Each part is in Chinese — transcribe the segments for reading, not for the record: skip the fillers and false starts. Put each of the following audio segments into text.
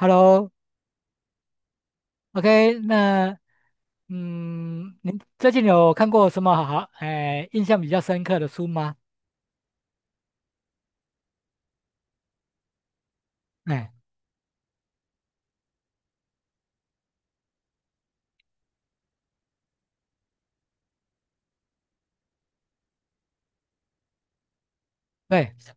Hello，OK，那您最近有看过什么好，哎，印象比较深刻的书吗？哎，对，是，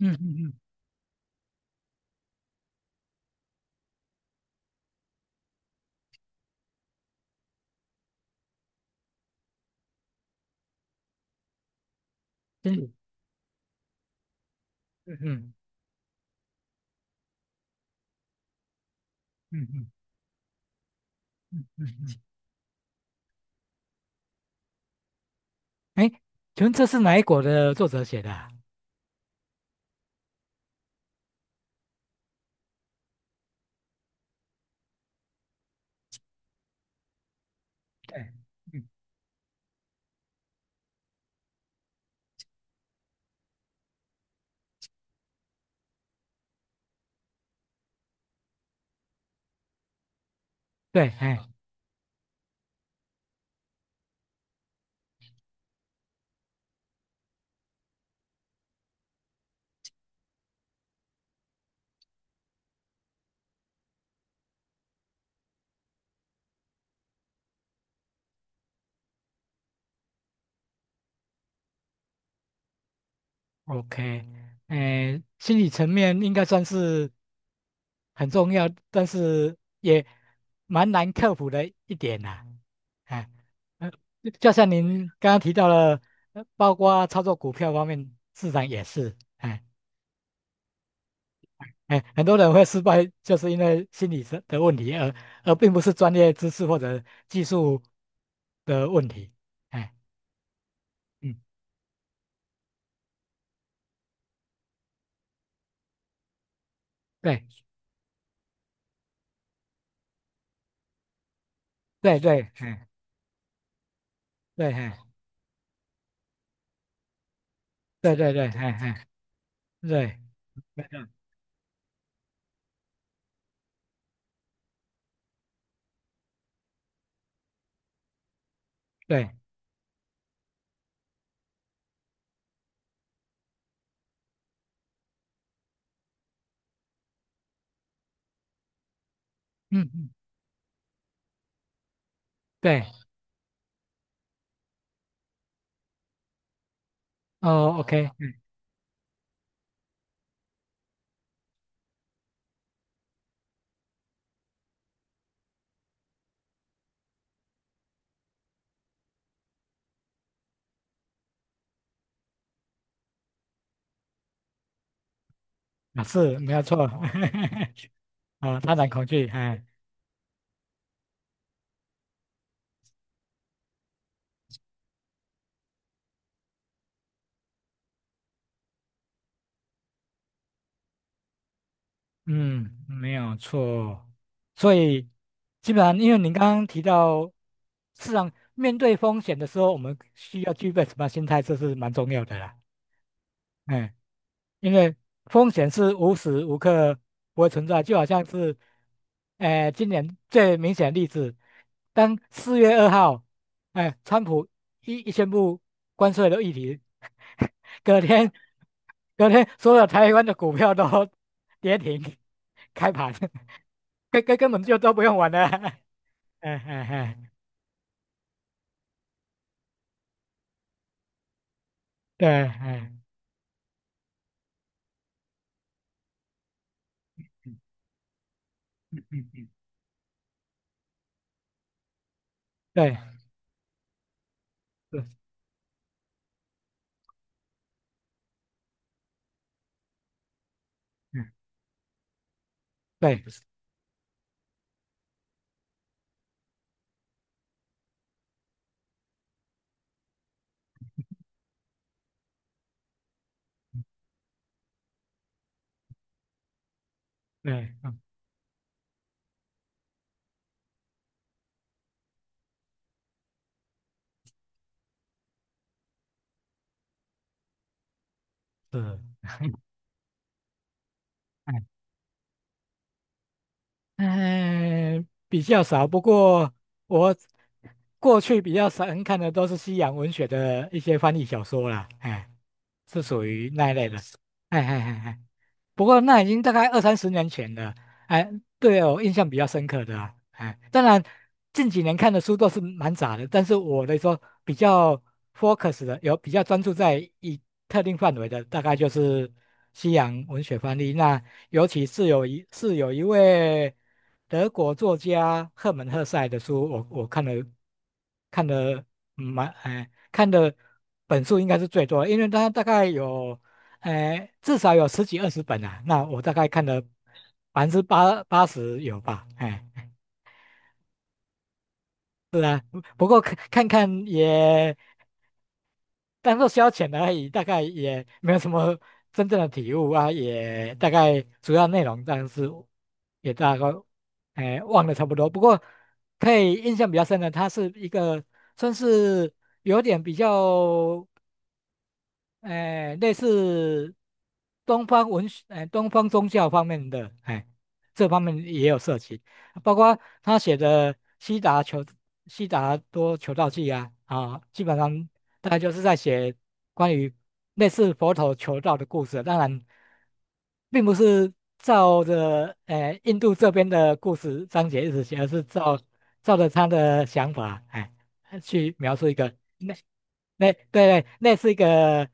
嗯嗯嗯，真的嗯嗯嗯嗯嗯，嗯哎，请问这是哪一国的作者写的啊？对，嗯，对，哎，OK，哎，心理层面应该算是。很重要，但是也蛮难克服的一点呐、啊哎，呃就像您刚刚提到了，包括操作股票方面，市场也是，哎哎，很多人会失败，就是因为心理上的问题，而并不是专业知识或者技术的问题。哎，嗯，对对对，哎对哎对对对，哎哎对对对，嗯嗯对，哦，OK，啊，是没有错，啊，他人恐惧，哎，嗯，没有错，所以基本上，因为您刚刚提到，市场面对风险的时候，我们需要具备什么样心态，这是蛮重要的啦，哎因为风险是无时无刻不会存在，就好像是，今年最明显的例子，当4月2号，哎、川普宣布关税的议题，隔天，所有台湾的股票都 跌停，开盘，根本就都不用玩了，哎哎哎，对，哎，嗯嗯，对，是，嗯，对，对，嗯，是。哎，比较少，不过我过去比较少看的都是西洋文学的一些翻译小说啦，哎，是属于那一类的。哎哎哎哎不过那已经大概二三十年前了，哎，对我印象比较深刻的啊，哎，当然近几年看的书都是蛮杂的，但是我来说比较 focus 的，有比较专注在一特定范围的，大概就是西洋文学翻译。那尤其是有一位德国作家赫门赫塞的书，我看了蛮哎看的本数应该是最多的，因为他大概有。哎，至少有十几二十本啊，那我大概看了百分之八十有吧，哎，是啊，不过看看也当做消遣而已，大概也没有什么真正的体悟啊，也大概主要内容，但是也大概哎忘了差不多。不过可以印象比较深的，它是一个算是有点比较。哎，类似东方文学，哎，东方宗教方面的，哎，这方面也有涉及，包括他写的《悉达求悉达多求道记》啊，啊，基本上大概就是在写关于类似佛陀求道的故事，当然，并不是照着哎印度这边的故事章节一直写，而是照着他的想法，哎，去描述一个那那对对，那是一个，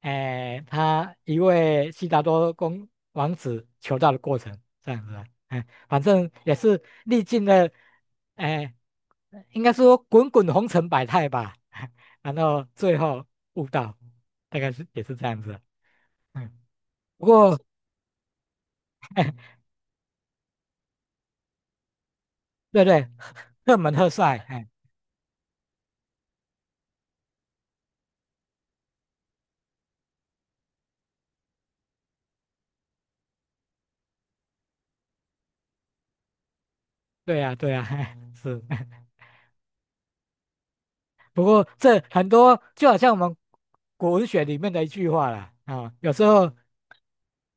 哎、他一位悉达多公王子求道的过程，这样子啊，哎、反正也是历尽了，哎、应该说滚滚红尘百态吧，然后最后悟道，大概是也是这样子的嗯，不过对对，赫门赫帅，哎、对呀、对呀、哎是。不过这很多就好像我们古文学里面的一句话啦，啊、有时候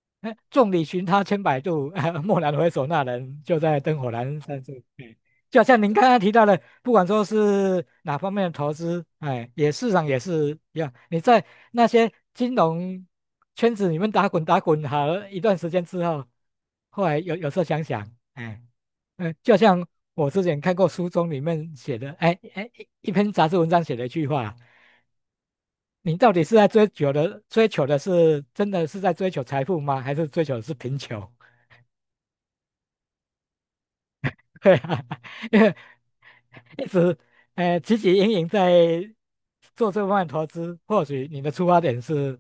哎，众里寻他千百度，蓦然回首，那人就在灯火阑珊处。哎，就好像您刚刚提到的，不管说是哪方面的投资，哎，也市场也是一样。你在那些金融圈子里面打滚打滚好了一段时间之后，后来有时候想想，哎，嗯，就像我之前看过书中里面写的，哎哎，一篇杂志文章写了一句话。你到底是在追求的，追求的是真的是在追求财富吗？还是追求的是贫穷？对啊，因为一直汲汲营营在做这方面投资，或许你的出发点是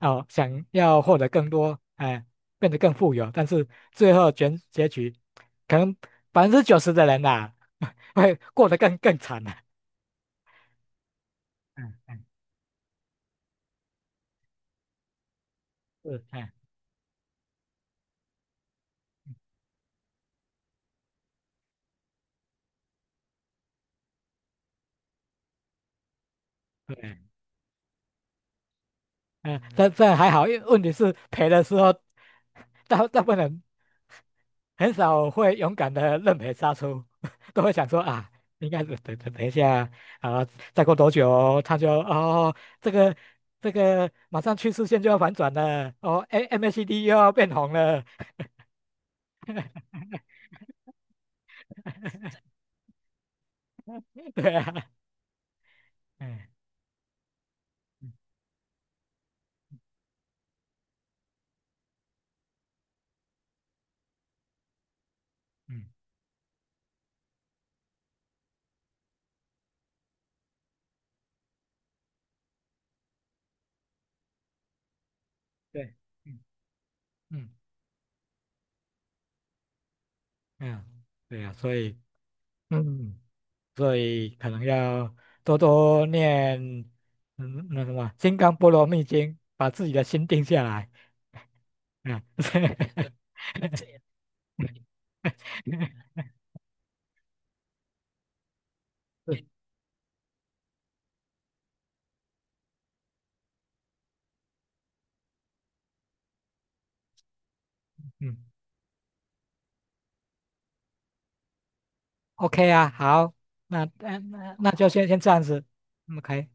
哦想要获得更多，哎、变得更富有，但是最后结局，可能90%的人呐、会过得更惨了、嗯嗯，是，嗯对，嗯，但这还好，因为问题是赔的时候，大部分人很少会勇敢的认赔杀出，都会想说啊，应该是等一下啊，再过多久他就哦，这个这个马上趋势线就要反转了，哦，A MACD 又要变红了，对啊，嗯嗯嗯，对，嗯嗯嗯，对啊，嗯，所以可能要多多念那什么《金刚波罗蜜经》，把自己的心定下来，嗯。这样 嗯，OK 啊，好，那就先这样子OK。